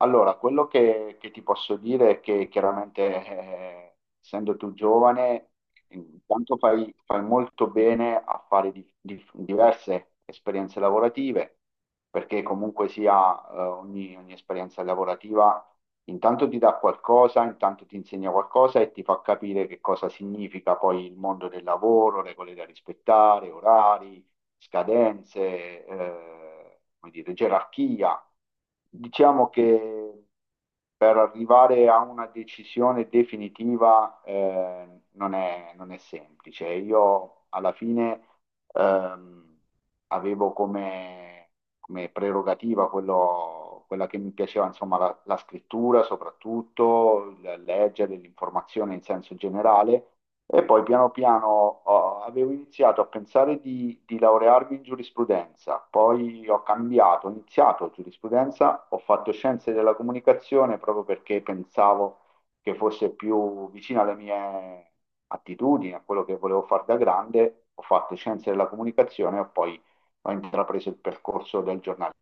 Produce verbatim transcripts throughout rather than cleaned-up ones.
Allora, quello che, che ti posso dire è che chiaramente, eh, essendo tu giovane, intanto fai, fai molto bene a fare di- di- diverse esperienze lavorative, perché comunque sia, eh, ogni, ogni esperienza lavorativa intanto ti dà qualcosa, intanto ti insegna qualcosa e ti fa capire che cosa significa poi il mondo del lavoro, regole da rispettare, orari scadenze, eh, come dire, gerarchia. Diciamo che per arrivare a una decisione definitiva eh, non è, non è semplice. Io alla fine ehm, avevo come, come prerogativa quello, quella che mi piaceva, insomma, la, la scrittura soprattutto, il leggere l'informazione in senso generale e poi piano piano ho- avevo iniziato a pensare di, di laurearmi in giurisprudenza, poi ho cambiato, ho iniziato giurisprudenza, ho fatto scienze della comunicazione proprio perché pensavo che fosse più vicina alle mie attitudini, a quello che volevo fare da grande. Ho fatto scienze della comunicazione e poi ho intrapreso il percorso del giornalismo.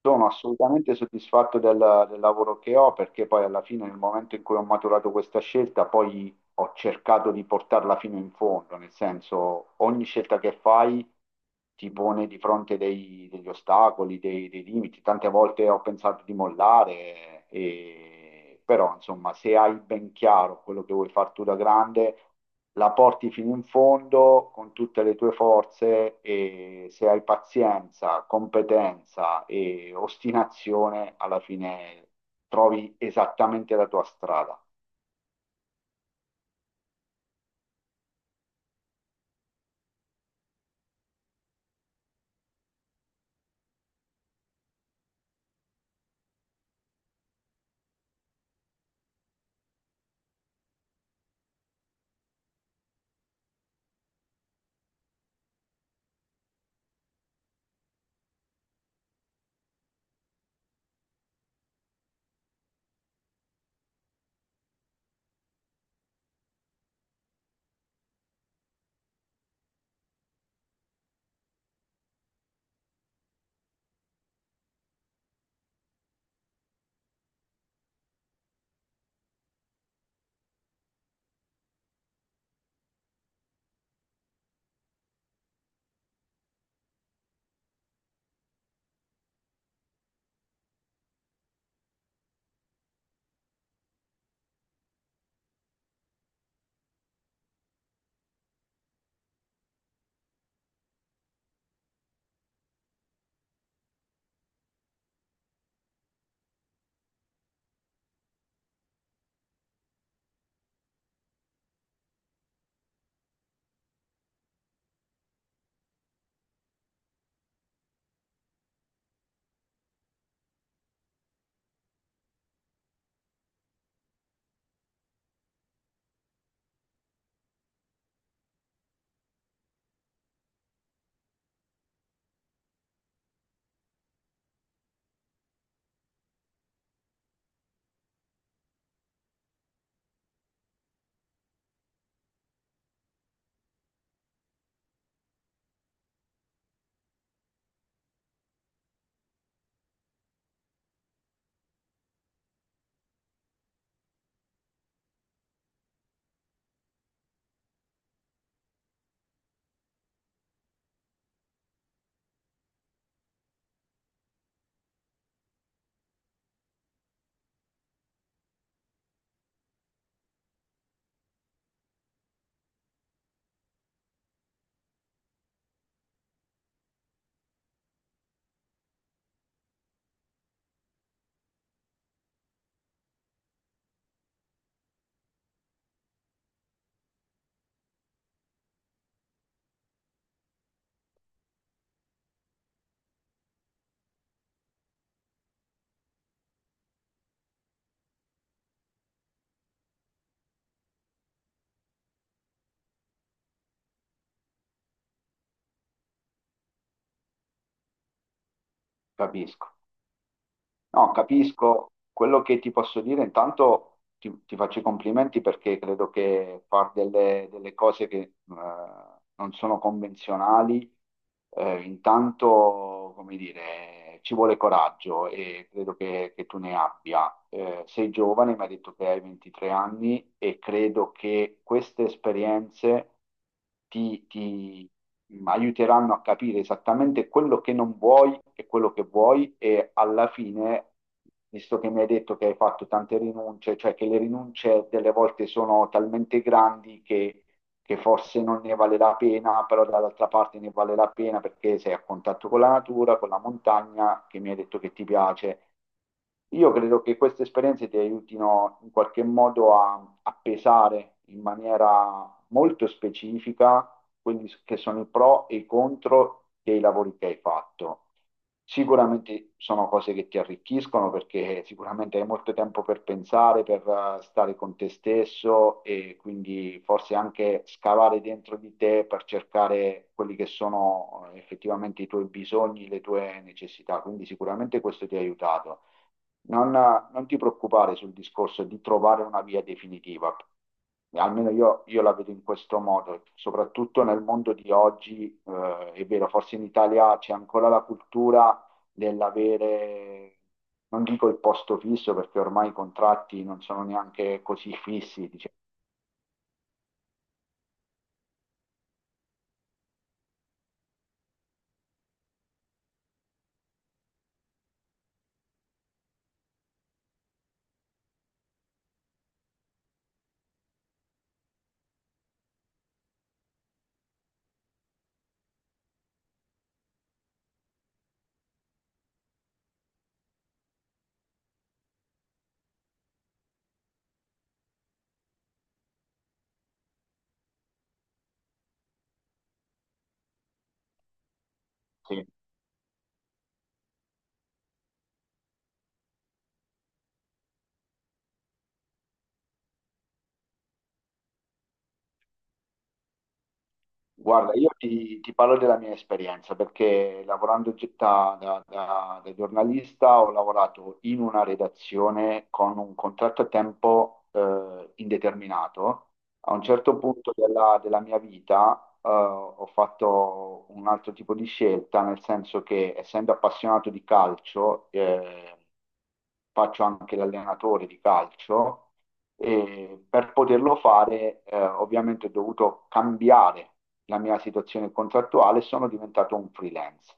Sono assolutamente soddisfatto del, del lavoro che ho, perché poi alla fine, nel momento in cui ho maturato questa scelta, poi ho cercato di portarla fino in fondo, nel senso ogni scelta che fai ti pone di fronte dei- degli ostacoli, dei, dei limiti. Tante volte ho pensato di mollare, e- però insomma se hai ben chiaro quello che vuoi fare tu da grande la porti fino in fondo con tutte le tue forze e se hai pazienza, competenza e ostinazione, alla fine trovi esattamente la tua strada. Capisco. No, capisco. Quello che ti posso dire, intanto ti, ti faccio i complimenti perché credo che far delle, delle cose che eh, non sono convenzionali, eh, intanto, come dire, ci vuole coraggio e credo che, che tu ne abbia. Eh, sei giovane, mi hai detto che hai ventitré anni e credo che queste esperienze ti, ti aiuteranno a capire esattamente quello che non vuoi e quello che vuoi e alla fine, visto che mi hai detto che hai fatto tante rinunce, cioè che le rinunce delle volte sono talmente grandi che che forse non ne vale la pena, però dall'altra parte ne vale la pena perché sei a contatto con la natura, con la montagna che mi hai detto che ti piace. Io credo che queste esperienze ti aiutino in qualche modo a, a pesare in maniera molto specifica quelli che sono i pro e i contro dei lavori che hai fatto. Sicuramente sono cose che ti arricchiscono perché sicuramente hai molto tempo per pensare, per eh, stare con te stesso e quindi forse anche scavare dentro di te per cercare quelli che sono eh, effettivamente i tuoi bisogni, le tue necessità. Quindi sicuramente questo ti ha aiutato. Non, non ti preoccupare sul discorso di trovare una via definitiva, almeno io, io la vedo in questo modo, soprattutto nel mondo di oggi, eh, è vero, forse in Italia c'è ancora la cultura dell'avere, non dico il posto fisso perché ormai i contratti non sono neanche così fissi, diciamo. Guarda, io ti, ti parlo della mia esperienza perché lavorando gi- da, da- da- da giornalista ho lavorato in una redazione con un contratto a tempo eh, indeterminato. A un certo punto della, della mia vita eh, ho fatto un altro tipo di scelta, nel senso che essendo appassionato di calcio, eh, faccio anche l'allenatore di calcio e per poterlo fare, eh, ovviamente ho dovuto cambiare la mia situazione contrattuale e sono diventato un freelance.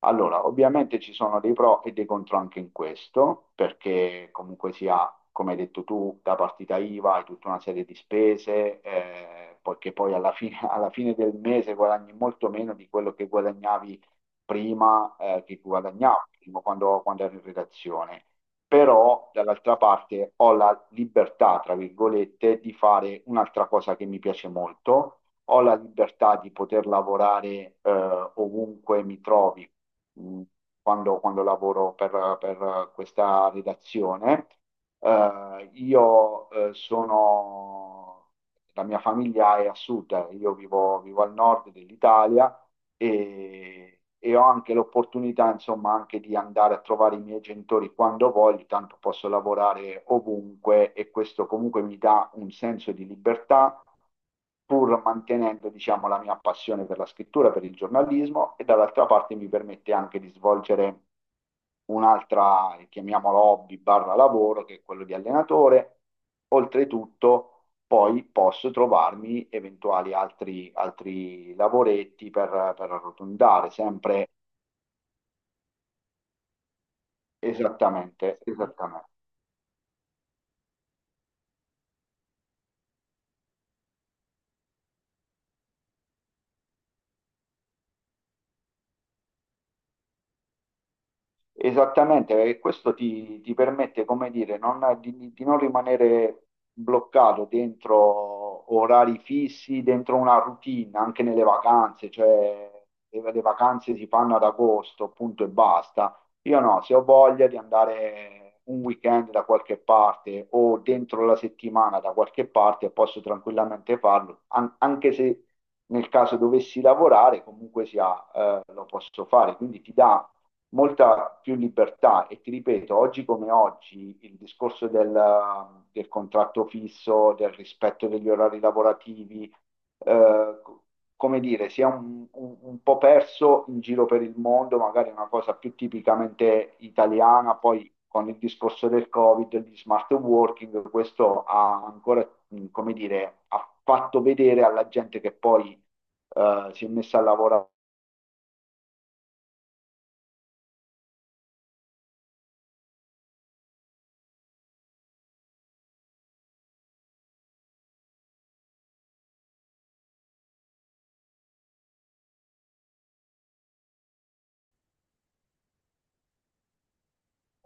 Allora, ovviamente ci sono dei pro e dei contro anche in questo, perché comunque sia, come hai detto tu, da partita I V A hai tutta una serie di spese, eh, poiché poi alla fine, alla fine del mese guadagni molto meno di quello che guadagnavi prima, eh, che guadagnavo prima quando, quando ero in redazione, però dall'altra parte ho la libertà, tra virgolette, di fare un'altra cosa che mi piace molto, ho la libertà di poter lavorare eh, ovunque mi trovi mh, quando, quando lavoro per, per questa redazione. Eh, io eh, sono, la mia famiglia è a sud, io vivo vivo al nord dell'Italia e, e ho anche l'opportunità, insomma, anche di andare a trovare i miei genitori quando voglio, tanto posso lavorare ovunque e questo comunque mi dà un senso di libertà, pur mantenendo, diciamo, la mia passione per la scrittura, per il giornalismo e dall'altra parte mi permette anche di svolgere un'altra, chiamiamola hobby barra lavoro, che è quello di allenatore. Oltretutto, poi posso trovarmi eventuali altri, altri lavoretti per, per arrotondare, sempre esattamente, esattamente. Esattamente, perché questo ti, ti permette, come dire, non- di, di non rimanere bloccato dentro orari fissi, dentro una routine, anche nelle vacanze, cioè le, le vacanze si fanno ad agosto, punto e basta. Io no, se ho voglia di andare un weekend da qualche parte o dentro la settimana da qualche parte, posso tranquillamente farlo, an- anche se nel caso dovessi lavorare, comunque sia, eh, lo posso fare. Quindi ti dà molta più libertà e ti ripeto, oggi come oggi il discorso del, del contratto fisso, del rispetto degli orari lavorativi, eh, co- come dire, si è un, un- un po' perso in giro per il mondo, magari è una cosa più tipicamente italiana, poi con il discorso del Covid, e di smart working, questo ha ancora, mh, come dire, ha fatto vedere alla gente che poi eh, si è messa a lavorare.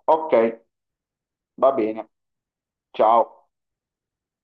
Ok, va bene, ciao.